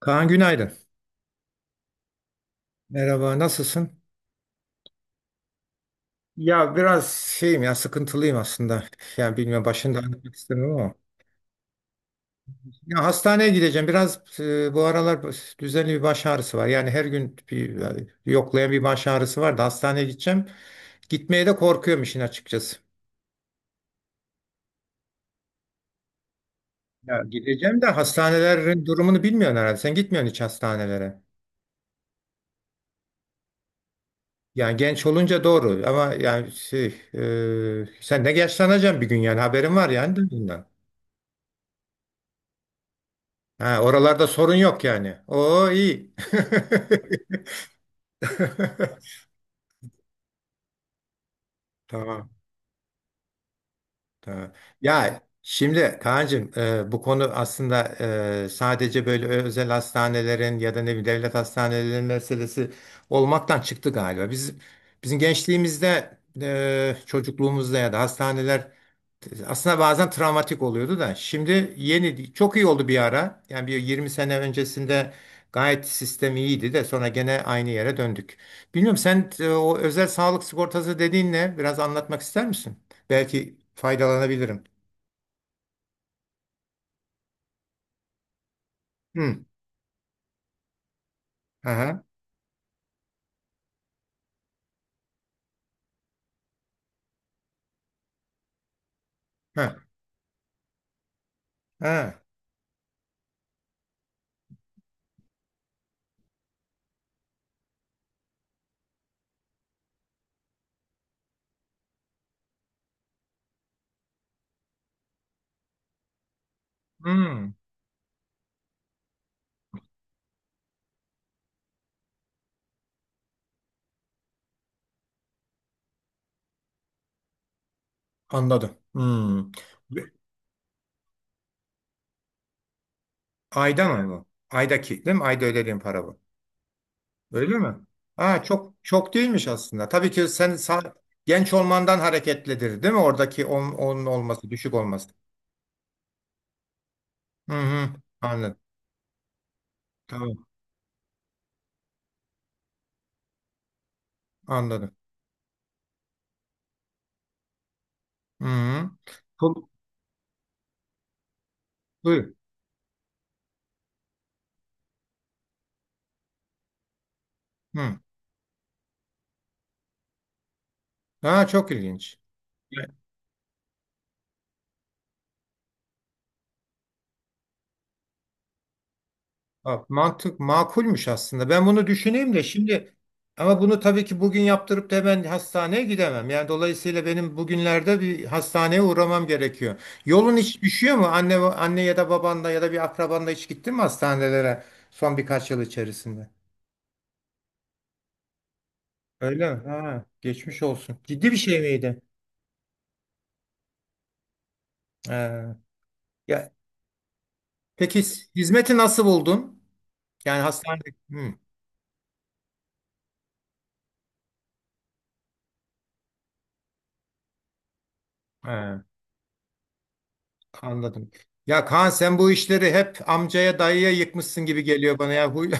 Kaan günaydın. Merhaba, nasılsın? Ya biraz şeyim ya sıkıntılıyım aslında. Yani bilmiyorum başında anlatmak istemiyorum ama. Ya hastaneye gideceğim. Biraz bu aralar düzenli bir baş ağrısı var. Yani her gün bir yoklayan bir baş ağrısı var da hastaneye gideceğim. Gitmeye de korkuyorum işin açıkçası. Ya gideceğim de hastanelerin durumunu bilmiyorsun herhalde. Sen gitmiyorsun hiç hastanelere. Yani genç olunca doğru ama yani sen de yaşlanacaksın bir gün, yani haberin var yani bundan. Ha, oralarda sorun yok yani. Oo, iyi. Tamam. Tabii. Ya şimdi Kaan'cığım, bu konu aslında sadece böyle özel hastanelerin ya da ne bileyim devlet hastanelerinin meselesi olmaktan çıktı galiba. Bizim gençliğimizde, çocukluğumuzda ya da, hastaneler aslında bazen travmatik oluyordu da şimdi yeni çok iyi oldu bir ara. Yani bir 20 sene öncesinde gayet sistem iyiydi de sonra gene aynı yere döndük. Bilmiyorum sen, o özel sağlık sigortası dediğin ne? Biraz anlatmak ister misin? Belki faydalanabilirim. Hmm. Aha. Ha. Ha. Hmm. Anladım. Hmm. Ayda mı bu? Aydaki, değil mi? Ayda ödediğim para bu. Öyle mi? Ha, çok çok değilmiş aslında. Tabii ki genç olmandan hareketlidir, değil mi? Oradaki on, onun olması, düşük olması. Hı hı. Anladım. Tamam. Anladım. Hı hı. Bu- Buyur. Hı. Ha, çok ilginç. Bak mantık makulmüş aslında. Ben bunu düşüneyim de şimdi, ama bunu tabii ki bugün yaptırıp da hemen hastaneye gidemem. Yani dolayısıyla benim bugünlerde bir hastaneye uğramam gerekiyor. Yolun hiç düşüyor mu? Anne anne ya da babanda ya da bir akrabanda hiç gittin mi hastanelere son birkaç yıl içerisinde? Öyle mi? Ha, geçmiş olsun. Ciddi bir şey miydi? Ee, ya peki, hizmeti nasıl buldun? Yani hastane. Hı. Ha. Anladım. Ya Kaan sen bu işleri hep amcaya dayıya yıkmışsın gibi geliyor bana ya. Huy-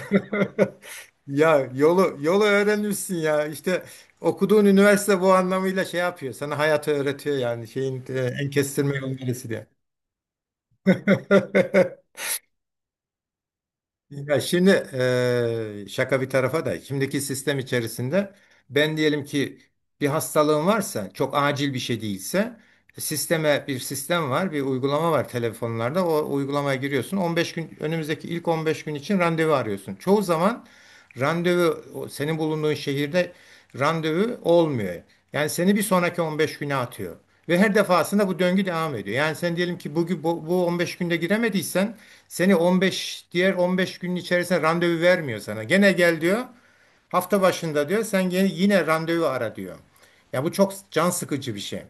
Ya yolu öğrenmişsin ya. İşte okuduğun üniversite bu anlamıyla şey yapıyor. Sana hayatı öğretiyor, yani şeyin, en kestirme yolu neresi diye. Ya şimdi şaka bir tarafa da, şimdiki sistem içerisinde ben diyelim ki bir hastalığım varsa, çok acil bir şey değilse, sisteme bir sistem var, bir uygulama var telefonlarda, o uygulamaya giriyorsun 15 gün, önümüzdeki ilk 15 gün için randevu arıyorsun. Çoğu zaman randevu, o senin bulunduğun şehirde randevu olmuyor. Yani seni bir sonraki 15 güne atıyor. Ve her defasında bu döngü devam ediyor. Yani sen diyelim ki bugün bu 15 günde giremediysen, seni 15 diğer 15 günün içerisinde randevu vermiyor sana. Gene gel diyor. Hafta başında diyor. Yine randevu ara diyor. Ya bu çok can sıkıcı bir şey.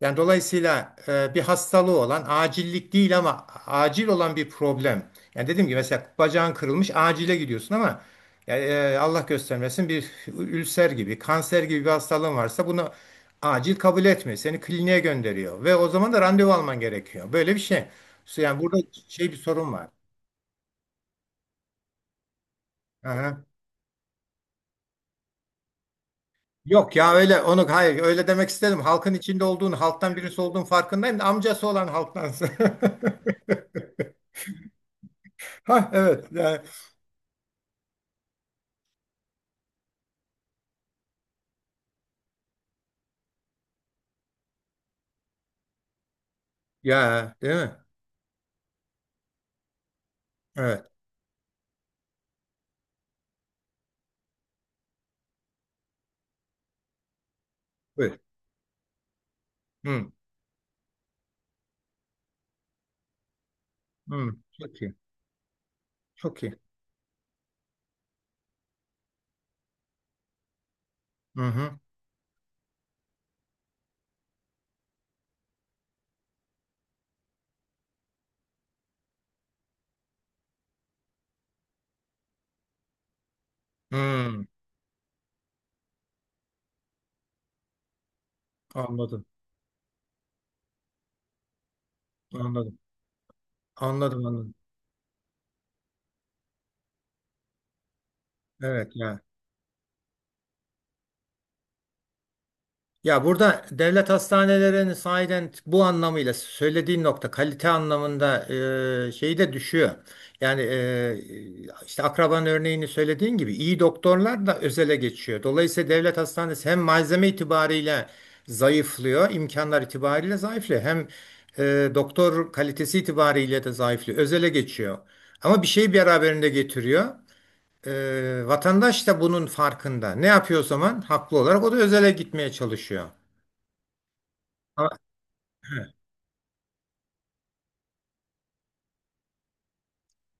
Yani dolayısıyla, bir hastalığı olan, acillik değil ama acil olan bir problem. Yani dedim ki mesela bacağın kırılmış, acile gidiyorsun, ama ya, Allah göstermesin bir ülser gibi, kanser gibi bir hastalığın varsa, bunu acil kabul etmiyor. Seni kliniğe gönderiyor ve o zaman da randevu alman gerekiyor. Böyle bir şey. Yani burada bir sorun var. Aha. Yok ya, öyle onu, hayır, öyle demek istedim. Halkın içinde olduğun, halktan birisi olduğun farkındayım da amcası olan halktansın. Ha, evet ya. Ya değil mi? Evet. Buyur. Hı, hı. Çok iyi. Çok iyi. Hı hı. Hı. Anladım. Anladım. Anladım, anladım. Evet ya. Ya burada devlet hastanelerinin sahiden bu anlamıyla söylediğin nokta, kalite anlamında, şeyi de düşüyor. Yani e, işte akraban örneğini söylediğin gibi iyi doktorlar da özele geçiyor. Dolayısıyla devlet hastanesi hem malzeme itibariyle zayıflıyor, imkanlar itibariyle zayıflıyor. Hem doktor kalitesi itibariyle de zayıflıyor, özele geçiyor. Ama bir şeyi beraberinde getiriyor. E, vatandaş da bunun farkında. Ne yapıyor o zaman? Haklı olarak o da özele gitmeye çalışıyor. Ha, he,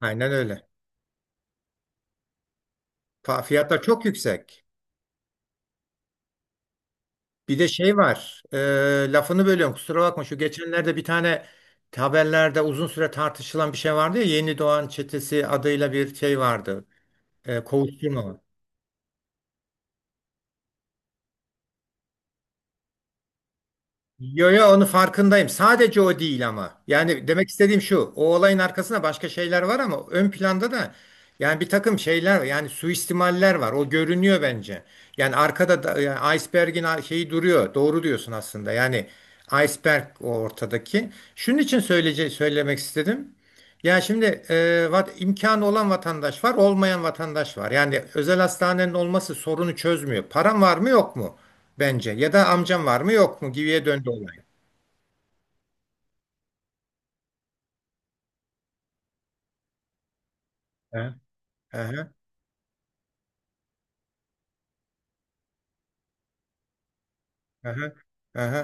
aynen öyle. Fiyatlar çok yüksek. Bir de şey var. Lafını bölüyorum, kusura bakma. Şu geçenlerde bir tane haberlerde uzun süre tartışılan bir şey vardı ya. Yeni Doğan Çetesi adıyla bir şey vardı. E, kovuşturma. Yo yo, onu farkındayım. Sadece o değil ama. Yani demek istediğim şu. O olayın arkasında başka şeyler var, ama ön planda da yani bir takım şeyler var. Yani suistimaller var. O görünüyor bence. Yani arkada da iceberg'in şeyi duruyor. Doğru diyorsun aslında. Yani iceberg o ortadaki. Şunun için söyleyece Söylemek istedim. Ya şimdi, imkanı olan vatandaş var, olmayan vatandaş var. Yani özel hastanenin olması sorunu çözmüyor. Param var mı yok mu? Bence. Ya da amcam var mı yok mu gibiye döndü olay. Aha, aha, aha, aha,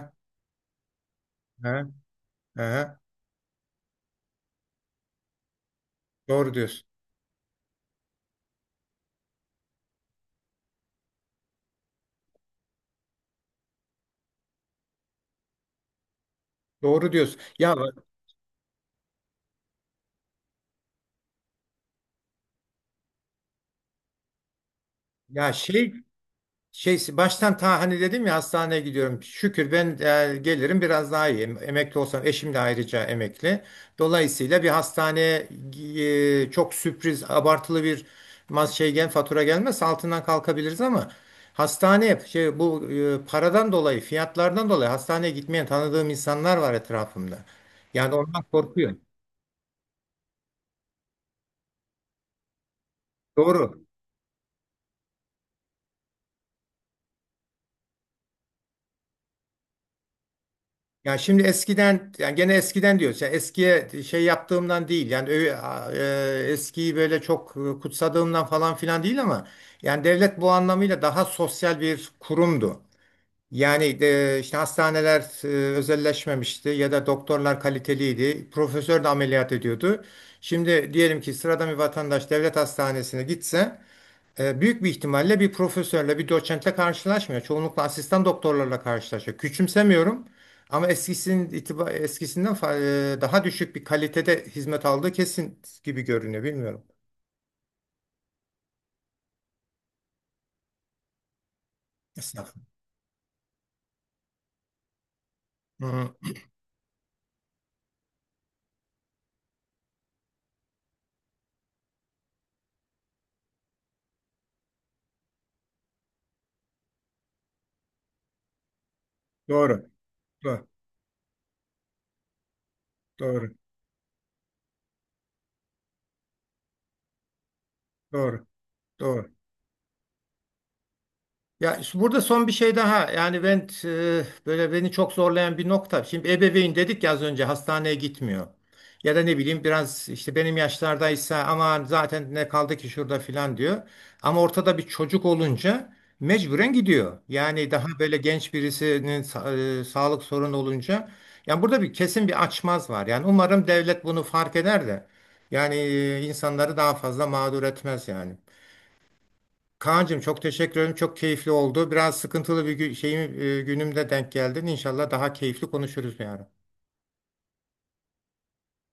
aha. Hı. Doğru diyorsun. Doğru diyorsun. Ya şey Baştan ta hani dedim ya, hastaneye gidiyorum. Şükür ben, gelirim biraz daha iyi. Emekli olsam eşim de ayrıca emekli. Dolayısıyla bir hastaneye, çok sürpriz abartılı bir mas şey gel fatura gelmez, altından kalkabiliriz. Ama hastane şey bu e, paradan dolayı, fiyatlardan dolayı hastaneye gitmeyen tanıdığım insanlar var etrafımda. Yani ondan korkuyorum. Doğru. Ya şimdi eskiden, yani gene eskiden diyoruz, yani eskiye şey yaptığımdan değil, yani eskiyi böyle çok kutsadığımdan falan filan değil, ama yani devlet bu anlamıyla daha sosyal bir kurumdu. Yani, işte hastaneler, özelleşmemişti ya da doktorlar kaliteliydi. Profesör de ameliyat ediyordu. Şimdi diyelim ki sıradan bir vatandaş devlet hastanesine gitse, büyük bir ihtimalle bir profesörle, bir doçentle karşılaşmıyor. Çoğunlukla asistan doktorlarla karşılaşıyor. Küçümsemiyorum, ama daha düşük bir kalitede hizmet aldığı kesin gibi görünüyor. Bilmiyorum. Estağfurullah. Hı hı. Doğru. Doğru. Doğru. Doğru. Doğru. Ya işte burada son bir şey daha, yani ben, böyle beni çok zorlayan bir nokta. Şimdi ebeveyn dedik ya, az önce hastaneye gitmiyor. Ya da ne bileyim biraz işte benim yaşlardaysa, ama zaten ne kaldı ki şurada filan diyor. Ama ortada bir çocuk olunca mecburen gidiyor. Yani daha böyle genç birisinin sağlık sorunu olunca, yani burada bir kesin bir açmaz var. Yani umarım devlet bunu fark eder de yani, insanları daha fazla mağdur etmez yani. Kaan'cığım çok teşekkür ederim. Çok keyifli oldu. Biraz sıkıntılı bir günümde denk geldin. İnşallah daha keyifli konuşuruz bir